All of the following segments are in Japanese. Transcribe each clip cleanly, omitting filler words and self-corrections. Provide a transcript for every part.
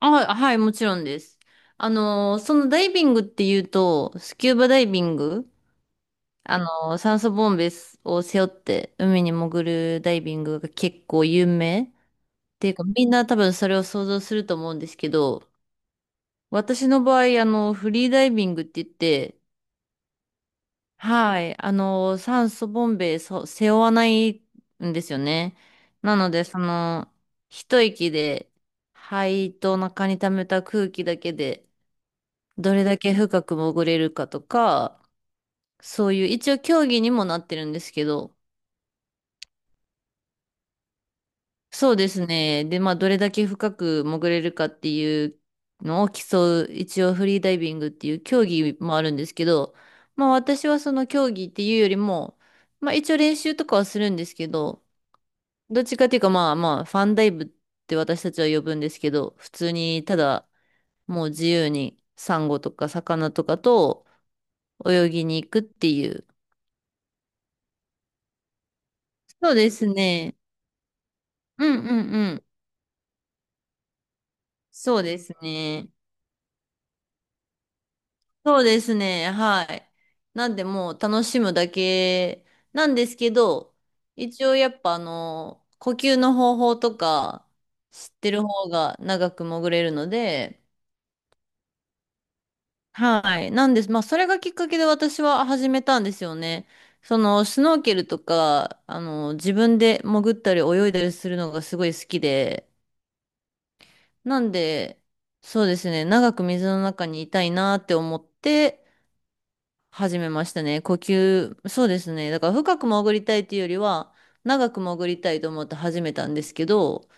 あ、はい、もちろんです。そのダイビングっていうと、スキューバダイビング、酸素ボンベを背負って海に潜るダイビングが結構有名っていうか、みんな多分それを想像すると思うんですけど、私の場合、フリーダイビングって言って、はい、酸素ボンベそ背負わないんですよね。なので、その、一息で、肺と中に溜めた空気だけで、どれだけ深く潜れるかとか、そういう、一応競技にもなってるんですけど、そうですね。で、まあ、どれだけ深く潜れるかっていうのを競う、一応フリーダイビングっていう競技もあるんですけど、まあ、私はその競技っていうよりも、まあ、一応練習とかはするんですけど、どっちかっていうか、まあまあ、ファンダイブって私たちは呼ぶんですけど、普通に、ただ、もう自由に、サンゴとか魚とかと泳ぎに行くっていう。そうですね。うんうんうん。そうですね。そうですね。はい。なんでもう楽しむだけなんですけど、一応やっぱあの、呼吸の方法とか知ってる方が長く潜れるので、はい。なんです。まあそれがきっかけで私は始めたんですよね。そのスノーケルとか、自分で潜ったり泳いだりするのがすごい好きで、なんで、そうですね。長く水の中にいたいなって思って、始めましたね。呼吸、そうですね。だから深く潜りたいというよりは、長く潜りたいと思って始めたんですけど、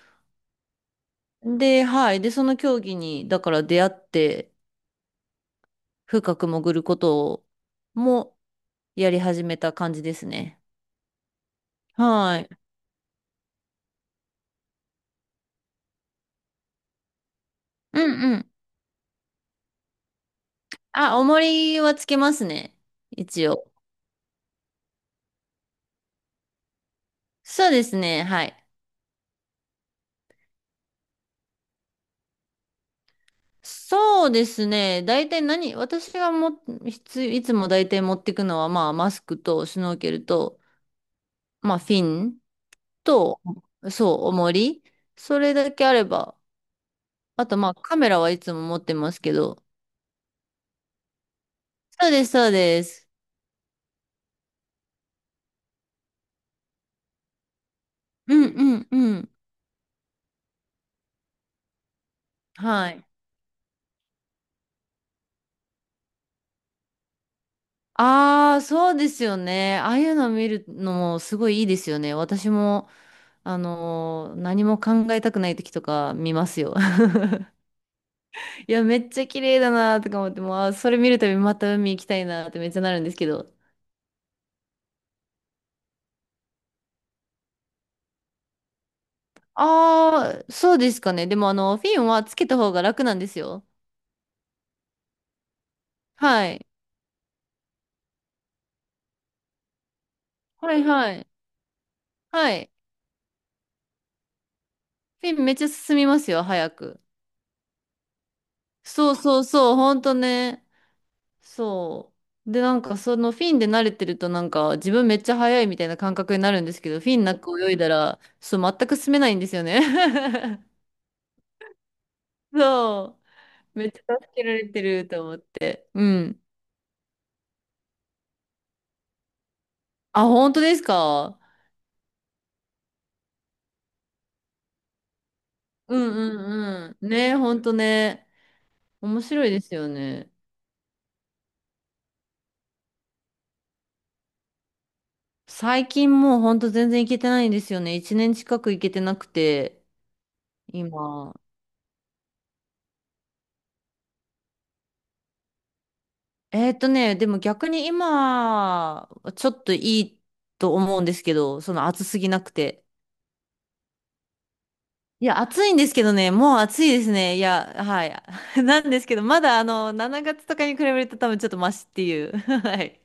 で、はい。で、その競技に、だから出会って、深く潜ることをもやり始めた感じですね。はい。うんうん。あ、重りはつけますね。一応。そうですね。はい。そうですね。大体何、私がも、いつ、いつも大体持っていくのは、まあ、マスクとスノーケルと、まあ、フィン。と、そう、重り。それだけあれば。あと、まあ、カメラはいつも持ってますけど。そうです、そうです。うんうんうん。はい。ああ、そうですよね。ああいうの見るのもすごいいいですよね。私も、何も考えたくない時とか見ますよ。いや、めっちゃ綺麗だなとか思って、もう、あー、それ見るたびまた海行きたいなってめっちゃなるんですけど。ああ、そうですかね。でも、フィンはつけた方が楽なんですよ。はい。はいはい。はい。フィンめっちゃ進みますよ、早く。そうそうそう、ほんとね。そう。で、なんかそのフィンで慣れてるとなんか自分めっちゃ速いみたいな感覚になるんですけど、フィンなんか泳いだら、そう、全く進めないんですよね。そう。めっちゃ助けられてると思って。うん。あ、本当ですか？うんうんうん。ね、本当ね。面白いですよね。最近もう本当全然行けてないんですよね。一年近く行けてなくて。今。でも逆に今、ちょっといいと思うんですけど、その暑すぎなくて。いや、暑いんですけどね、もう暑いですね。いや、はい。なんですけど、まだあの、7月とかに比べると多分ちょっとマシっていう。はい。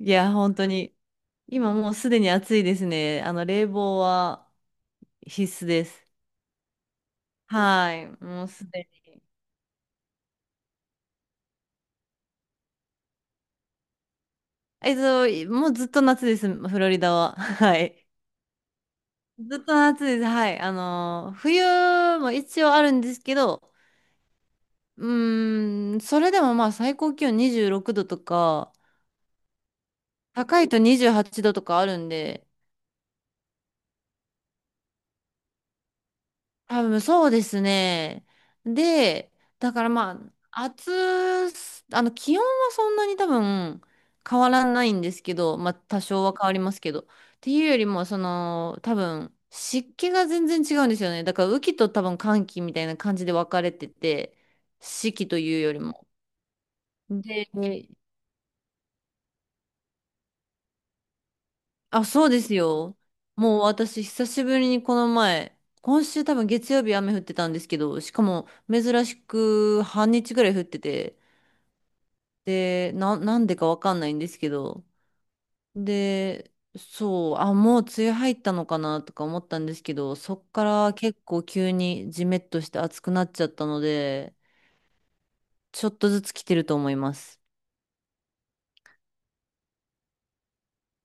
いや、本当に。今もうすでに暑いですね。冷房は必須です。はい。もうすでに。もうずっと夏です、フロリダは。はい。ずっと夏です。はい。冬も一応あるんですけど、うーん、それでもまあ最高気温26度とか、高いと28度とかあるんで、多分そうですね。で、だからまあ、暑す、気温はそんなに多分変わらないんですけど、まあ多少は変わりますけど。っていうよりも、その、多分湿気が全然違うんですよね。だから雨季と多分乾季みたいな感じで分かれてて、四季というよりも。で、あ、そうですよ。もう私、久しぶりにこの前、今週多分月曜日雨降ってたんですけど、しかも珍しく半日ぐらい降ってて、で、なんでかわかんないんですけど。で、そう、あ、もう梅雨入ったのかなとか思ったんですけど、そっから結構急にジメッとして暑くなっちゃったので、ちょっとずつ来てると思います。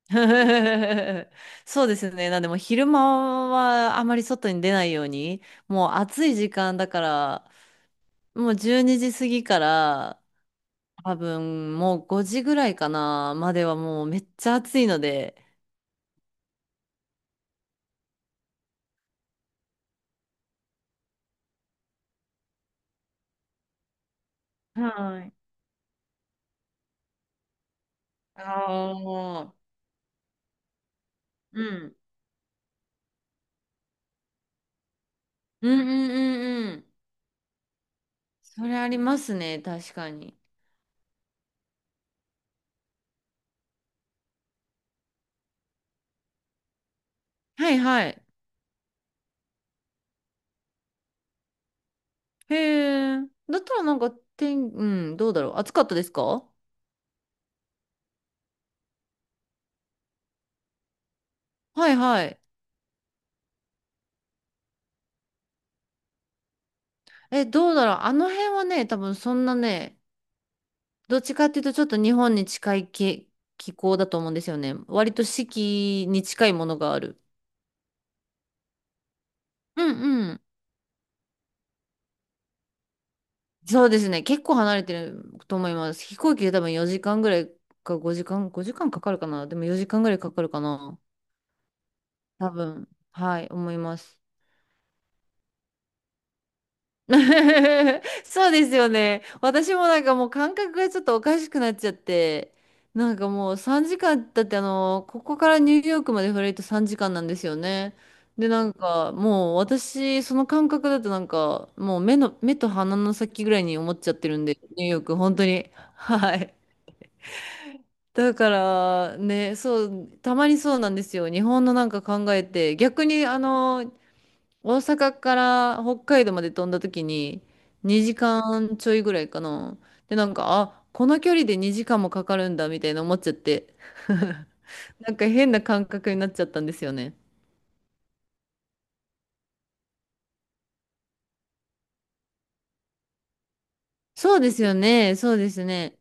そうですね。なんでもう昼間はあまり外に出ないように、もう暑い時間だから、もう12時過ぎから、多分もう5時ぐらいかなまではもうめっちゃ暑いので、はい。ああ。うん。うんうんうんうん。それありますね、確かに。はいはい。へえ。だったらなんか、うん、どうだろう。暑かったですか？はいはい。え、どうだろう。あの辺はね、多分そんなね、どっちかっていうとちょっと日本に近い気候だと思うんですよね。割と四季に近いものがある。うんうん。そうですね。結構離れてると思います。飛行機で多分4時間ぐらいか5時間かかるかな。でも4時間ぐらいかかるかな。多分、はい、思います。そうですよね。私もなんかもう感覚がちょっとおかしくなっちゃって、なんかもう3時間、だってあの、ここからニューヨークまでフライト3時間なんですよね。で、なんかもう私、その感覚だとなんか、もう目と鼻の先ぐらいに思っちゃってるんで、ニューヨーク、本当に。はい。だからね、そう、たまにそうなんですよ。日本のなんか考えて、逆にあの、大阪から北海道まで飛んだ時に2時間ちょいぐらいかな。で、なんか、あ、この距離で2時間もかかるんだみたいな思っちゃって。なんか変な感覚になっちゃったんですよね。そうですよね。そうですね。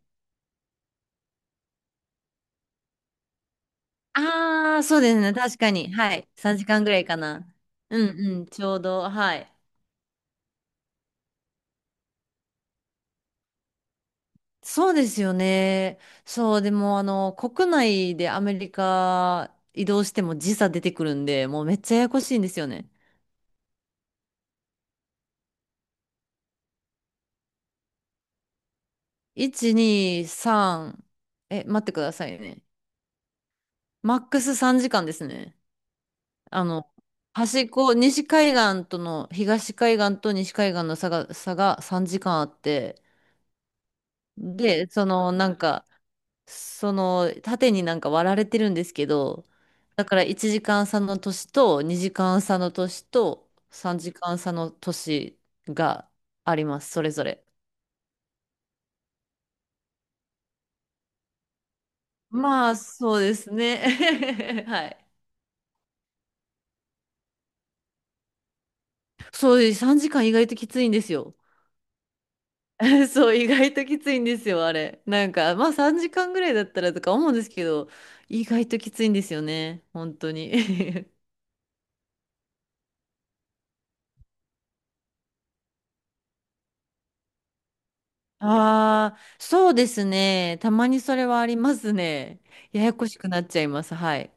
ああ、そうですね。確かに。はい。3時間ぐらいかな。うんうん。ちょうど。はい。そうですよね。そう、でも、国内でアメリカ移動しても時差出てくるんで、もうめっちゃややこしいんですよね。1、2、3。え、待ってくださいね。マックス3時間ですね。あの、端っこ、西海岸との、東海岸と西海岸の差が3時間あって、で、その、縦になんか割られてるんですけど、だから1時間差の年と、2時間差の年と、3時間差の年があります、それぞれ。まあ、そうですね。はい。そう、3時間意外ときついんですよ。そう、意外ときついんですよ、あれ。なんか、まあ3時間ぐらいだったらとか思うんですけど、意外ときついんですよね、本当に。ああ、そうですね。たまにそれはありますね。ややこしくなっちゃいます。はい。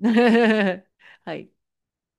はい。